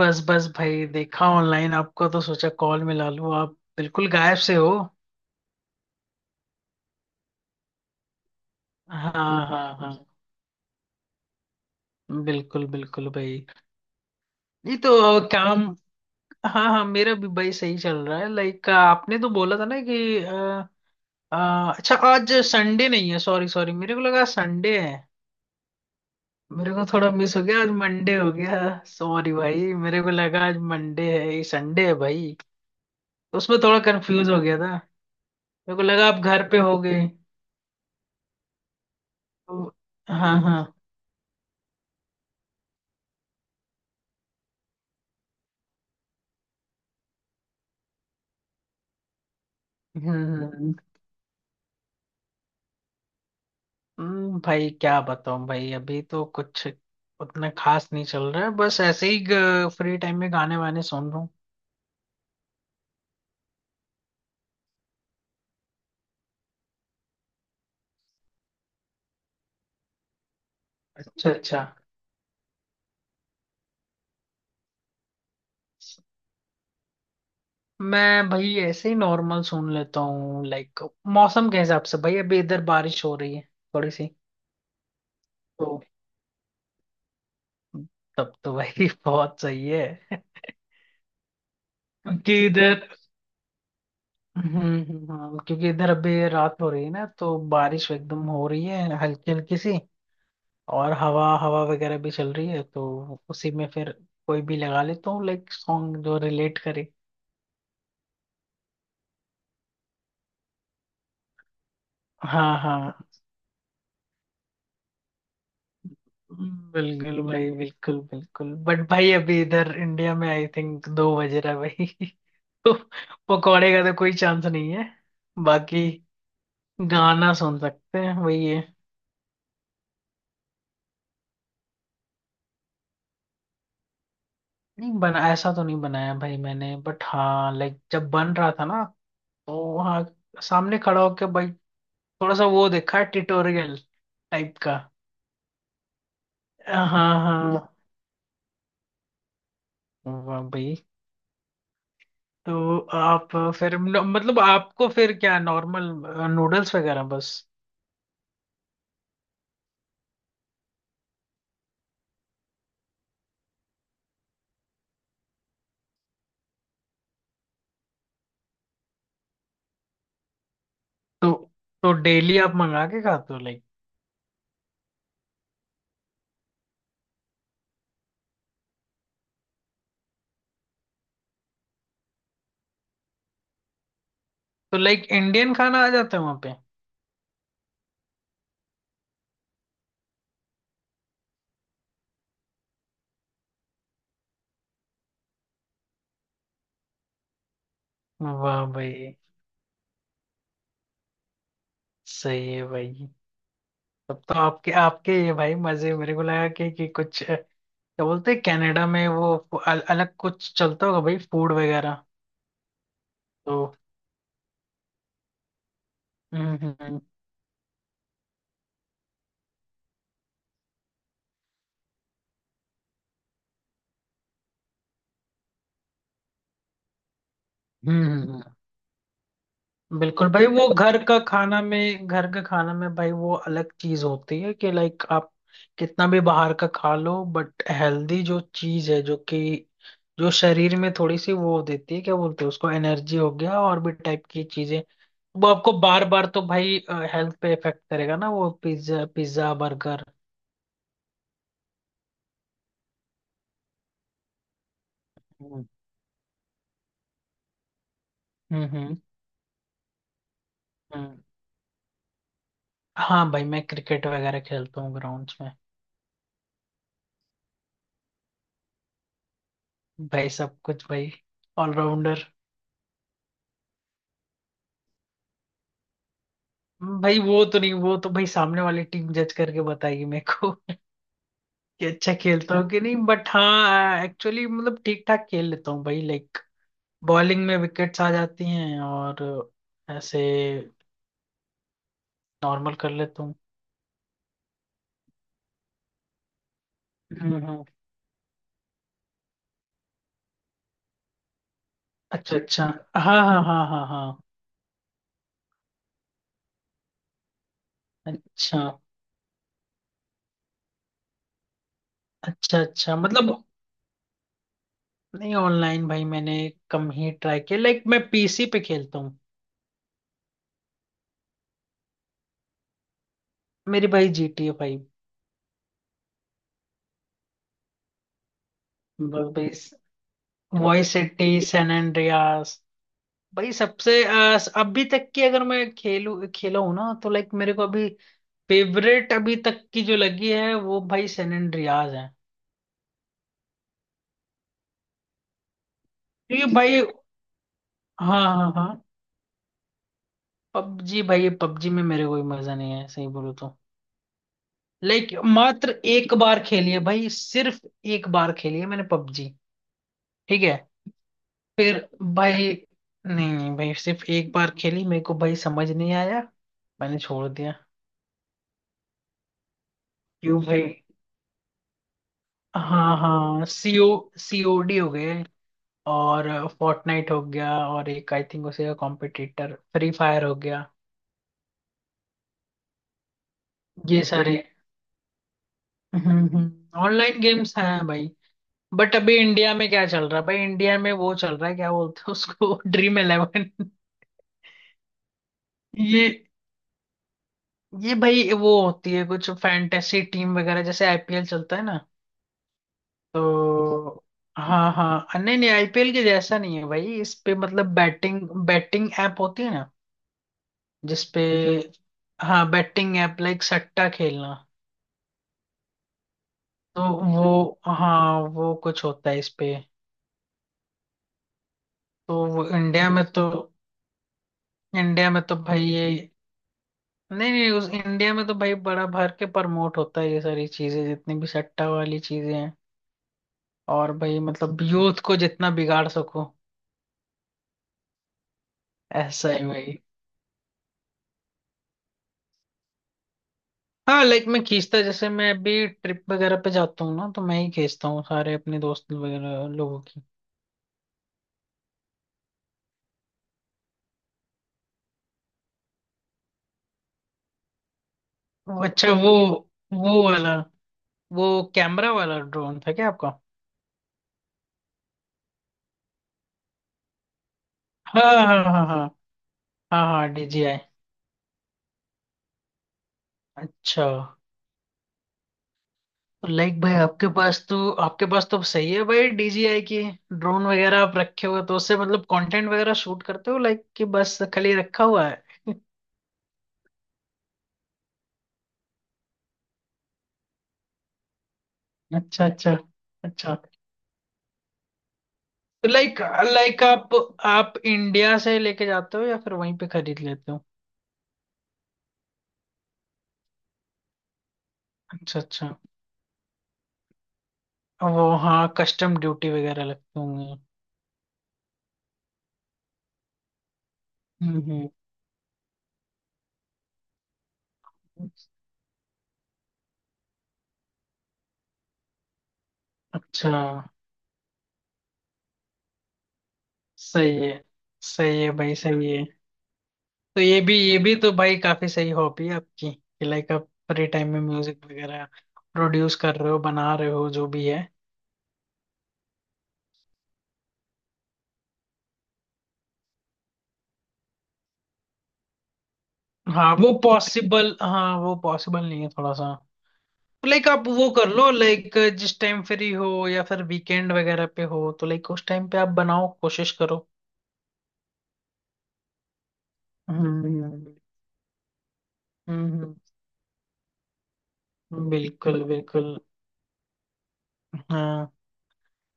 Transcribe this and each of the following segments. बस बस भाई, देखा ऑनलाइन आपको तो सोचा कॉल मिला लूं। आप बिल्कुल गायब से हो। हाँ हाँ हाँ। बिल्कुल बिल्कुल भाई। नहीं तो। काम। हाँ हाँ, मेरा भी भाई सही चल रहा है। लाइक आपने तो बोला था ना कि अच्छा आज संडे नहीं है। सॉरी सॉरी, मेरे को लगा संडे है। मेरे को थोड़ा मिस हो गया, आज मंडे हो गया। सॉरी भाई, मेरे को लगा आज मंडे है, ये संडे है भाई। उसमें थोड़ा कंफ्यूज हो गया था। मेरे को लगा आप घर पे हो गए। तो- हाँ हाँ। हम्म, भाई क्या बताऊं भाई, अभी तो कुछ उतना खास नहीं चल रहा है, बस ऐसे ही फ्री टाइम में गाने वाने सुन रहा हूँ। अच्छा अच्छा। मैं भाई ऐसे ही नॉर्मल सुन लेता हूँ लाइक, मौसम के हिसाब से भाई। अभी इधर बारिश हो रही है थोड़ी सी, तो तब तो भाई बहुत सही है, क्योंकि इधर, हम्म, हाँ, क्योंकि इधर अभी रात हो रही है ना तो बारिश एकदम हो रही है, हल्की हल्की सी, और हवा हवा वगैरह भी चल रही है। तो उसी में फिर कोई भी लगा लेता हूँ, लाइक सॉन्ग जो रिलेट करे। हाँ हाँ, बिल्कुल भाई, बिल्कुल बिल्कुल। बट भाई अभी इधर इंडिया में आई थिंक 2 बज रहा है भाई। तो पकौड़े का तो कोई चांस नहीं है, बाकी गाना सुन सकते हैं, वही है। नहीं बना, ऐसा तो नहीं बनाया भाई मैंने, बट हाँ लाइक जब बन रहा था ना तो वहाँ सामने खड़ा होकर भाई थोड़ा सा वो देखा है, ट्यूटोरियल टाइप का। हाँ हाँ। वाह भाई। तो आप फिर मतलब आपको फिर क्या, नॉर्मल नूडल्स वगैरह बस? तो तो डेली आप मंगा के खाते हो, लाइक? तो लाइक इंडियन खाना आ जाता है वहां पे। वाह भाई। सही है भाई। तब तो आपके आपके ये भाई मजे। मेरे को लगा कि कुछ क्या बोलते हैं, कनाडा में वो अलग कुछ चलता होगा भाई, फूड वगैरह। तो हम्म हम्म हम्म हम्म, हम्म। बिल्कुल भाई। वो घर का खाना में भाई वो अलग चीज होती है कि लाइक, आप कितना भी बाहर का खा लो, बट हेल्दी जो चीज है, जो कि जो शरीर में थोड़ी सी वो देती है, क्या बोलते हैं उसको, एनर्जी हो गया और भी टाइप की चीजें। वो आपको बार बार, तो भाई हेल्थ पे इफेक्ट करेगा ना, वो पिज्जा पिज्जा बर्गर। हम्म, हम्म हम्म हम्म। हाँ भाई, मैं क्रिकेट वगैरह खेलता हूँ ग्राउंड्स में। भाई सब कुछ भाई, ऑलराउंडर। भाई वो तो नहीं, वो तो भाई सामने वाली टीम जज करके बताएगी मेरे को कि अच्छा खेलता हूँ कि नहीं। बट हाँ, एक्चुअली मतलब ठीक ठाक खेल लेता हूँ भाई, लाइक बॉलिंग में विकेट्स आ जाती हैं, और ऐसे नॉर्मल कर लेता हूँ। हम्म हम्म। अच्छा अच्छा। हाँ हाँ हाँ हाँ हाँ। अच्छा अच्छा। अच्छा मतलब, नहीं ऑनलाइन भाई मैंने कम ही ट्राई किया, लाइक मैं पीसी पे खेलता हूँ। मेरी भाई, GTA 5। वॉइस सिटी, सैन, भाई सबसे अभी तक की, अगर मैं खेलू खेला हूँ ना तो लाइक, मेरे को अभी फेवरेट अभी तक की जो लगी है वो भाई सैन एंड्रियाज है। क्योंकि भाई, हाँ हाँ हाँ, पबजी भाई, पबजी में मेरे कोई मजा नहीं है, सही बोलो तो। लाइक मात्र एक बार खेली है भाई, सिर्फ एक बार खेली है मैंने पबजी। ठीक है। फिर भाई, नहीं नहीं भाई, सिर्फ एक बार खेली, मेरे को भाई समझ नहीं आया, मैंने छोड़ दिया। क्यों भाई? हाँ हाँ सीओडी हो गए, और फोर्टनाइट हो गया, और एक आई थिंक उसे कॉम्पिटिटर फ्री फायर हो गया। ये सारे ऑनलाइन गेम्स हैं भाई। बट अभी इंडिया में क्या चल रहा है भाई, इंडिया में वो चल रहा है, क्या बोलते हैं उसको ड्रीम इलेवन। ये ये भाई वो होती है, कुछ फैंटेसी टीम वगैरह, जैसे आईपीएल चलता है ना, तो। हाँ हाँ, नहीं नहीं, आईपीएल के जैसा नहीं है भाई। इस पे मतलब बैटिंग, बैटिंग ऐप होती है ना, जिसपे, हाँ, बैटिंग ऐप, लाइक सट्टा खेलना। तो वो हाँ, वो कुछ होता है इस पे। तो वो इंडिया में तो, इंडिया में तो भाई ये, नहीं नहीं, उस इंडिया में तो भाई बड़ा भर के प्रमोट होता है, ये सारी चीजें जितनी भी सट्टा वाली चीजें हैं। और भाई मतलब यूथ को जितना बिगाड़ सको। ऐसा ही भाई। हाँ लाइक मैं खींचता, जैसे मैं अभी ट्रिप वगैरह पे जाता हूँ ना, तो मैं ही खींचता हूँ सारे अपने दोस्त वगैरह लोगों की। वो- अच्छा वो वो वाला वो कैमरा वाला ड्रोन था क्या आपका? हाँ हाँ हाँ हाँ हाँ हाँ, DJI। अच्छा। तो लाइक भाई आपके पास तो सही है भाई, DJI की ड्रोन वगैरह आप रखे हुए, तो उससे मतलब कंटेंट वगैरह शूट करते हो लाइक, कि बस खाली रखा हुआ है? अच्छा अच्छा। अच्छा तो लाइक, लाइक आप इंडिया से लेके जाते हो या फिर वहीं पे खरीद लेते हो? अच्छा अच्छा, वो हाँ, कस्टम ड्यूटी वगैरह लगते होंगे। हम्म हम्म। अच्छा। सही है, सही है भाई, सही है। तो ये भी तो भाई काफी सही हॉबी है आपकी कि लाइक आप फ्री टाइम में म्यूजिक वगैरह प्रोड्यूस कर रहे हो, बना रहे हो, जो भी है। हाँ वो पॉसिबल नहीं है थोड़ा सा। तो लाइक आप वो कर लो, लाइक जिस टाइम फ्री हो या फिर वीकेंड वगैरह पे हो, तो लाइक उस टाइम पे आप बनाओ, कोशिश करो। हम्म हम्म, बिल्कुल बिल्कुल। हाँ,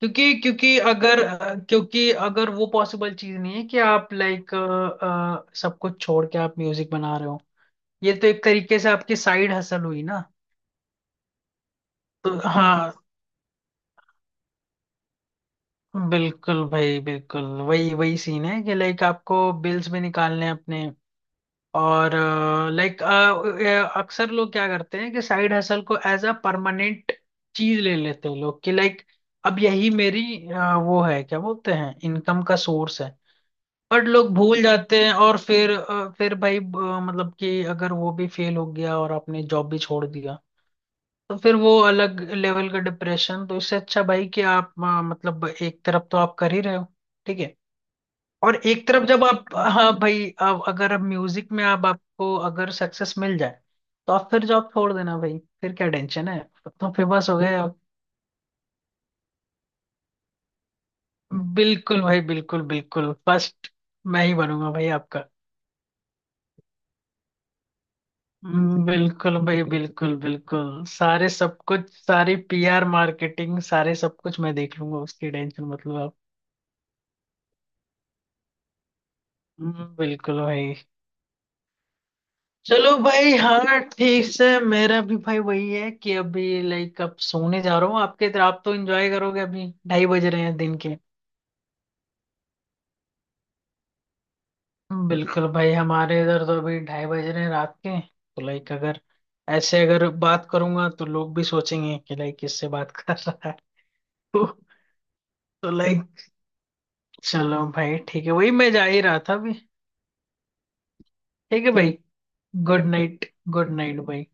क्योंकि क्योंकि अगर वो पॉसिबल चीज नहीं है कि आप लाइक सब कुछ छोड़ के आप म्यूजिक बना रहे हो, ये तो एक तरीके से आपकी साइड हसल हुई ना। तो हाँ, बिल्कुल भाई बिल्कुल। वही वही सीन है कि लाइक आपको बिल्स भी निकालने हैं अपने, और लाइक अक्सर लोग क्या करते हैं कि साइड हसल को एज अ परमानेंट चीज ले लेते हैं लोग, कि लाइक अब यही मेरी वो है, क्या बोलते हैं, इनकम का सोर्स है। बट लोग भूल जाते हैं, और फिर फिर भाई मतलब, कि अगर वो भी फेल हो गया और आपने जॉब भी छोड़ दिया, तो फिर वो अलग लेवल का डिप्रेशन। तो इससे अच्छा भाई कि आप मतलब एक तरफ तो आप कर ही रहे हो, ठीक है। और एक तरफ जब आप, हाँ भाई, अब अगर म्यूजिक में आप आपको अगर सक्सेस मिल जाए, तो आप फिर जॉब छोड़ देना भाई, फिर क्या टेंशन है? तो फेमस हो गए आप। बिल्कुल भाई बिल्कुल बिल्कुल, फर्स्ट मैं ही बनूंगा भाई आपका। बिल्कुल भाई बिल्कुल बिल्कुल, सारे सब कुछ, सारी पीआर मार्केटिंग, सारे सब कुछ मैं देख लूंगा, उसकी टेंशन मतलब आप। बिल्कुल भाई। चलो भाई, हाँ ठीक, से मेरा भी भाई वही है कि अभी लाइक अब सोने जा रहा हूँ। आपके इधर आप तो एंजॉय करोगे, अभी 2:30 बज रहे हैं दिन के। बिल्कुल भाई, हमारे इधर तो अभी ढाई बज रहे हैं रात के, तो लाइक अगर ऐसे अगर बात करूंगा तो लोग भी सोचेंगे कि लाइक किससे बात कर रहा है। तो लाइक, चलो भाई ठीक है, वही मैं जा ही रहा था अभी। ठीक है भाई। Good night. गुड नाइट भाई।